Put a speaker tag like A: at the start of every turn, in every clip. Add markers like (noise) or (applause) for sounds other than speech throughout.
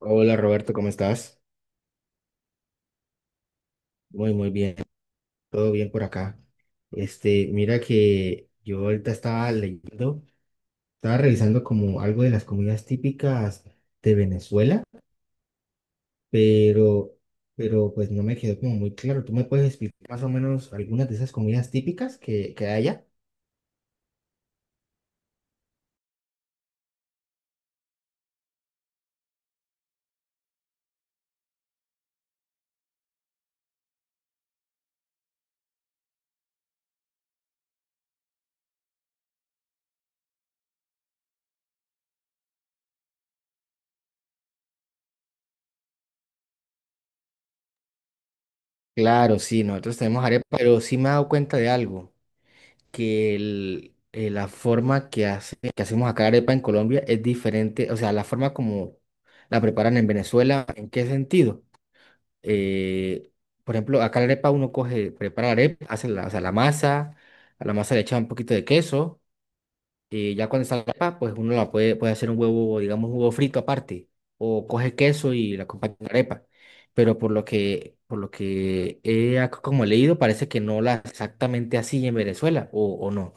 A: Hola Roberto, ¿cómo estás? Muy, muy bien, todo bien por acá. Mira que yo ahorita estaba leyendo, estaba revisando como algo de las comidas típicas de Venezuela, pero, pero pues no me quedó como muy claro. ¿Tú me puedes explicar más o menos algunas de esas comidas típicas que hay allá? Claro, sí, nosotros tenemos arepa, pero sí me he dado cuenta de algo. La forma que hacemos acá arepa en Colombia es diferente, o sea, la forma como la preparan en Venezuela, ¿en qué sentido? Eh, por ejemplo, acá la arepa uno coge, prepara la arepa, o sea, la masa, a la masa le echa un poquito de queso, y ya cuando está la arepa, pues uno la puede hacer un huevo, digamos, un huevo frito aparte, o coge queso y la acompaña con arepa. Pero por lo que como leído, parece que no la exactamente así en Venezuela, o no.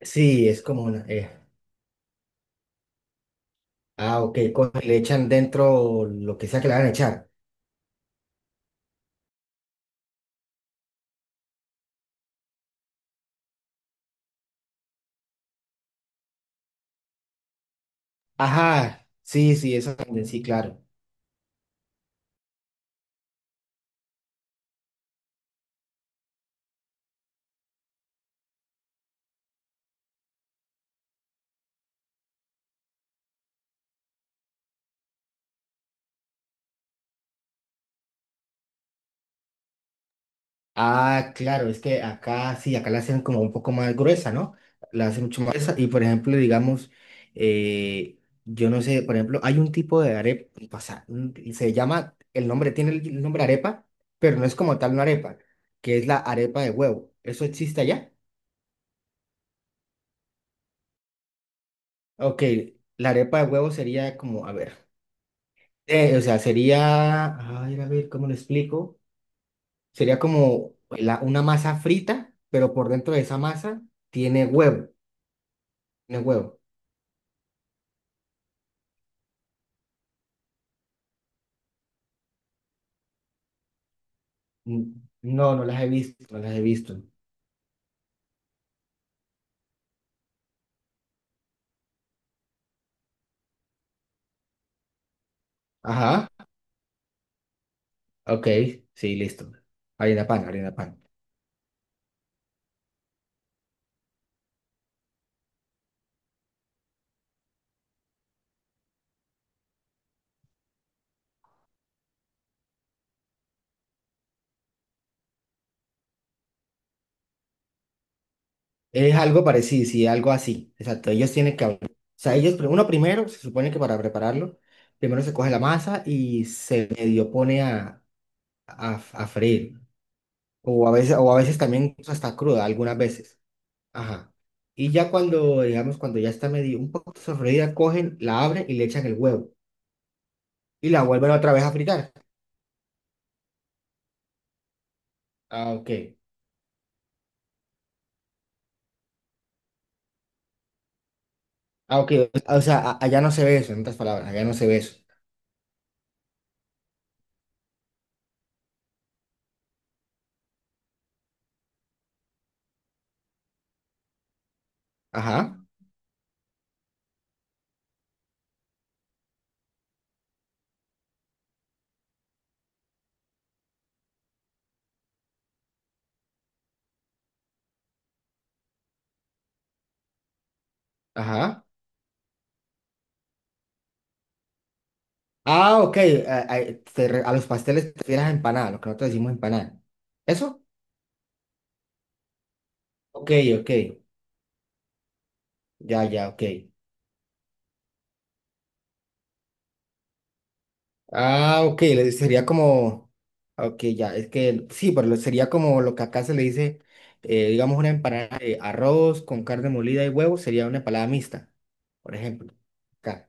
A: Sí, es como una... Ah, ok, le echan dentro lo que sea que le van a echar. Ajá, sí, sí, eso también, sí, claro. Ah, claro, es que acá sí, acá la hacen como un poco más gruesa, ¿no? La hacen mucho más gruesa. Y por ejemplo, digamos, eh, yo no sé, por ejemplo, hay un tipo de arepa, o sea, se llama, el nombre tiene el nombre arepa, pero no es como tal una arepa, que es la arepa de huevo. ¿Eso existe allá? Ok, la arepa de huevo sería como, a ver. O sea, sería, ay, a ver, ¿cómo lo explico? Sería como una masa frita, pero por dentro de esa masa tiene huevo, tiene huevo. Mm, no, no las he visto, no las he visto. Ajá, ok, sí, listo. Harina pan, harina pan. Es algo parecido, sí, algo así. Exacto, ellos tienen que abrir. O sea, ellos, uno primero, se supone que para prepararlo, primero se coge la masa y se medio pone a, a freír. O a veces también incluso está cruda, algunas veces. Ajá. Y ya cuando, digamos, cuando ya está medio un poco sofreída, cogen, la abren y le echan el huevo. Y la vuelven otra vez a fritar. Ah, ok. Ah, ok. O sea, allá no se ve eso, en otras palabras, allá no se ve eso. Ajá, ajá. Ah, ok. A los pasteles te refieres a empanada, lo que nosotros decimos empanada. ¿Eso? Ok, ok. Ya, ya, ok. Ah, ok, sería como, ah, ok, ya, es que sí, pero sería como lo que acá se le dice, digamos, una empanada de arroz con carne molida y huevo, sería una empanada mixta, por ejemplo. Acá.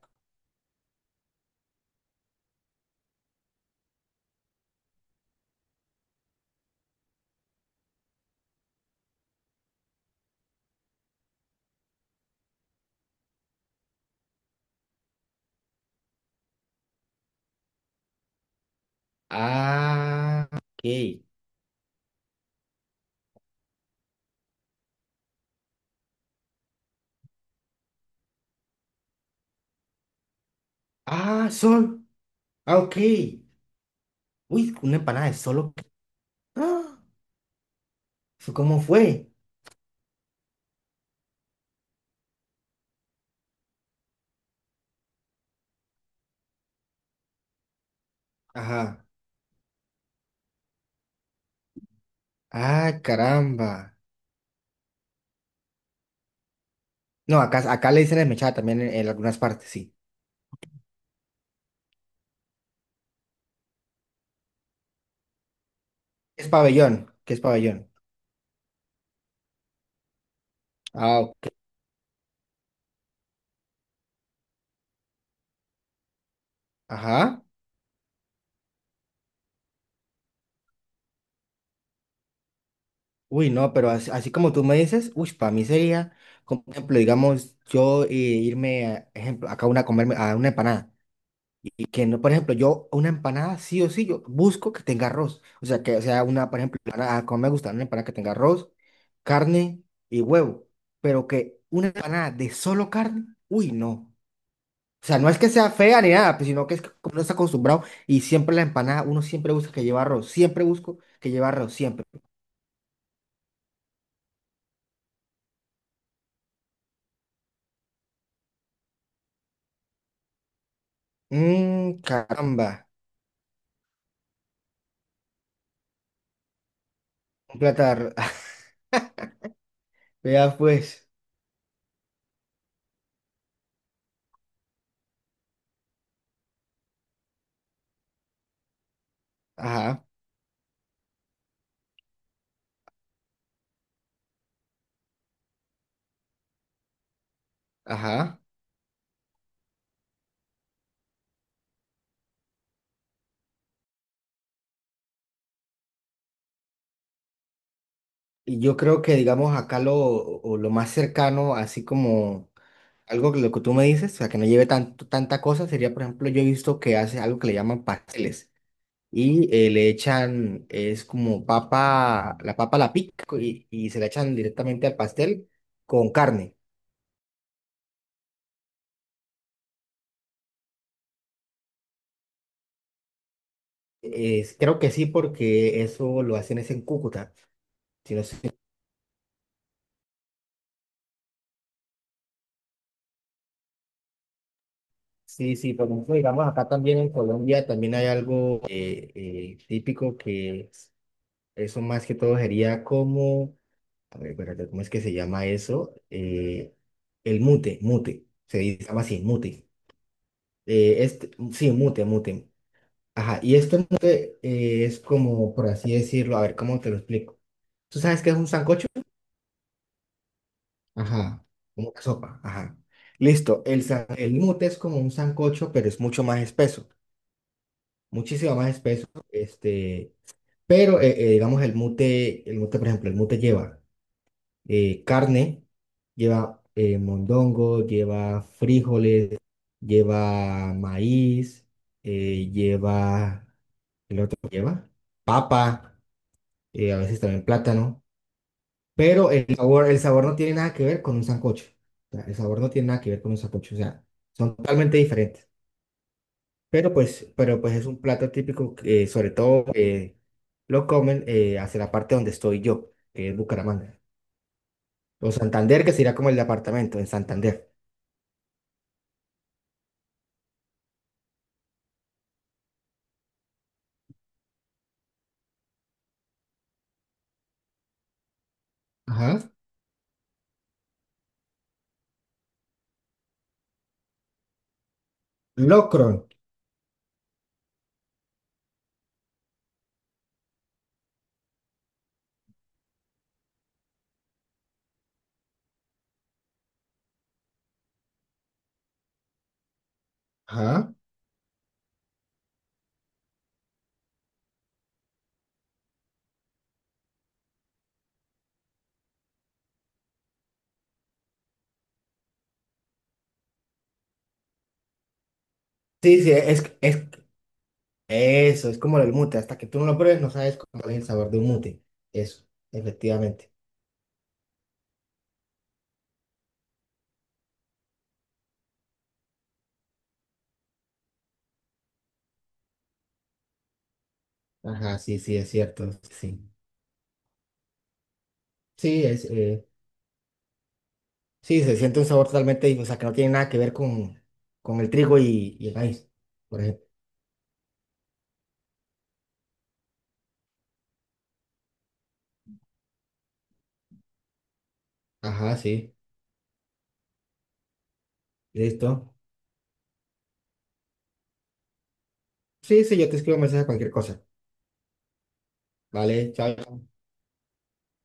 A: Ah, ok. Ah, sol. Ah, ok. Uy, una empanada de solo. Ah, ¿eso ¿cómo fue? Ajá. Ah, caramba. No, acá, acá le dicen desmechada también en algunas partes, sí. Es pabellón, ¿qué es pabellón? Ah, ok. Ajá. Uy, no, pero así, como tú me dices, uy, para mí sería, como por ejemplo, digamos, yo irme, a, ejemplo, acá una a comerme a una empanada. Y que no, por ejemplo, yo una empanada sí o sí, yo busco que tenga arroz. O sea, que sea una, por ejemplo, empanada, como me gusta, una empanada que tenga arroz, carne y huevo. Pero que una empanada de solo carne, uy, no. O sea, no es que sea fea ni nada, pues, sino que es que como uno está acostumbrado y siempre la empanada, uno siempre busca que lleva arroz, siempre busco que lleva arroz, siempre. Mmm, caramba. Platar, (laughs) vea pues, ajá, ajá. Y yo creo que, digamos, acá lo, o lo más cercano, así como algo que lo que tú me dices, o sea, que no lleve tanto, tanta cosa, sería, por ejemplo, yo he visto que hace algo que le llaman pasteles y le echan, es como papa la pica y se la echan directamente al pastel con carne. Creo que sí, porque eso lo hacen es en Cúcuta, si no. Sí, sí, por ejemplo, digamos, acá también en Colombia también hay algo típico que eso más que todo sería como, a ver, espérate, ¿cómo es que se llama eso? El mute, mute, se llama así, mute. Sí, mute, mute. Ajá, y este mute es como, por así decirlo, a ver, ¿cómo te lo explico? ¿Tú sabes qué es un sancocho? Ajá, como una sopa, ajá. Listo, el mute es como un sancocho, pero es mucho más espeso. Muchísimo más espeso, este, pero digamos el mute, por ejemplo, el mute lleva carne, lleva mondongo, lleva frijoles, lleva maíz, eh, lleva, el otro lleva papa, a veces también plátano, pero el sabor no tiene nada que ver con un sancocho, o sea, el sabor no tiene nada que ver con un sancocho, o sea, son totalmente diferentes. Pero pues es un plato típico que sobre todo lo comen hacia la parte donde estoy yo, que es Bucaramanga. O Santander, que sería como el departamento en Santander. Ajá. Locron. Ajá. Sí, sí, es eso, es como el mute. Hasta que tú no lo pruebes, no sabes cuál es el sabor de un mute. Eso, efectivamente. Ajá, sí, sí, es cierto. Sí. Sí, sí, se siente un sabor totalmente, o sea, que no tiene nada que ver con el trigo y el maíz, por ejemplo. Ajá, sí. Listo. Sí, sí, yo te escribo un mensaje cualquier cosa. Vale, chao,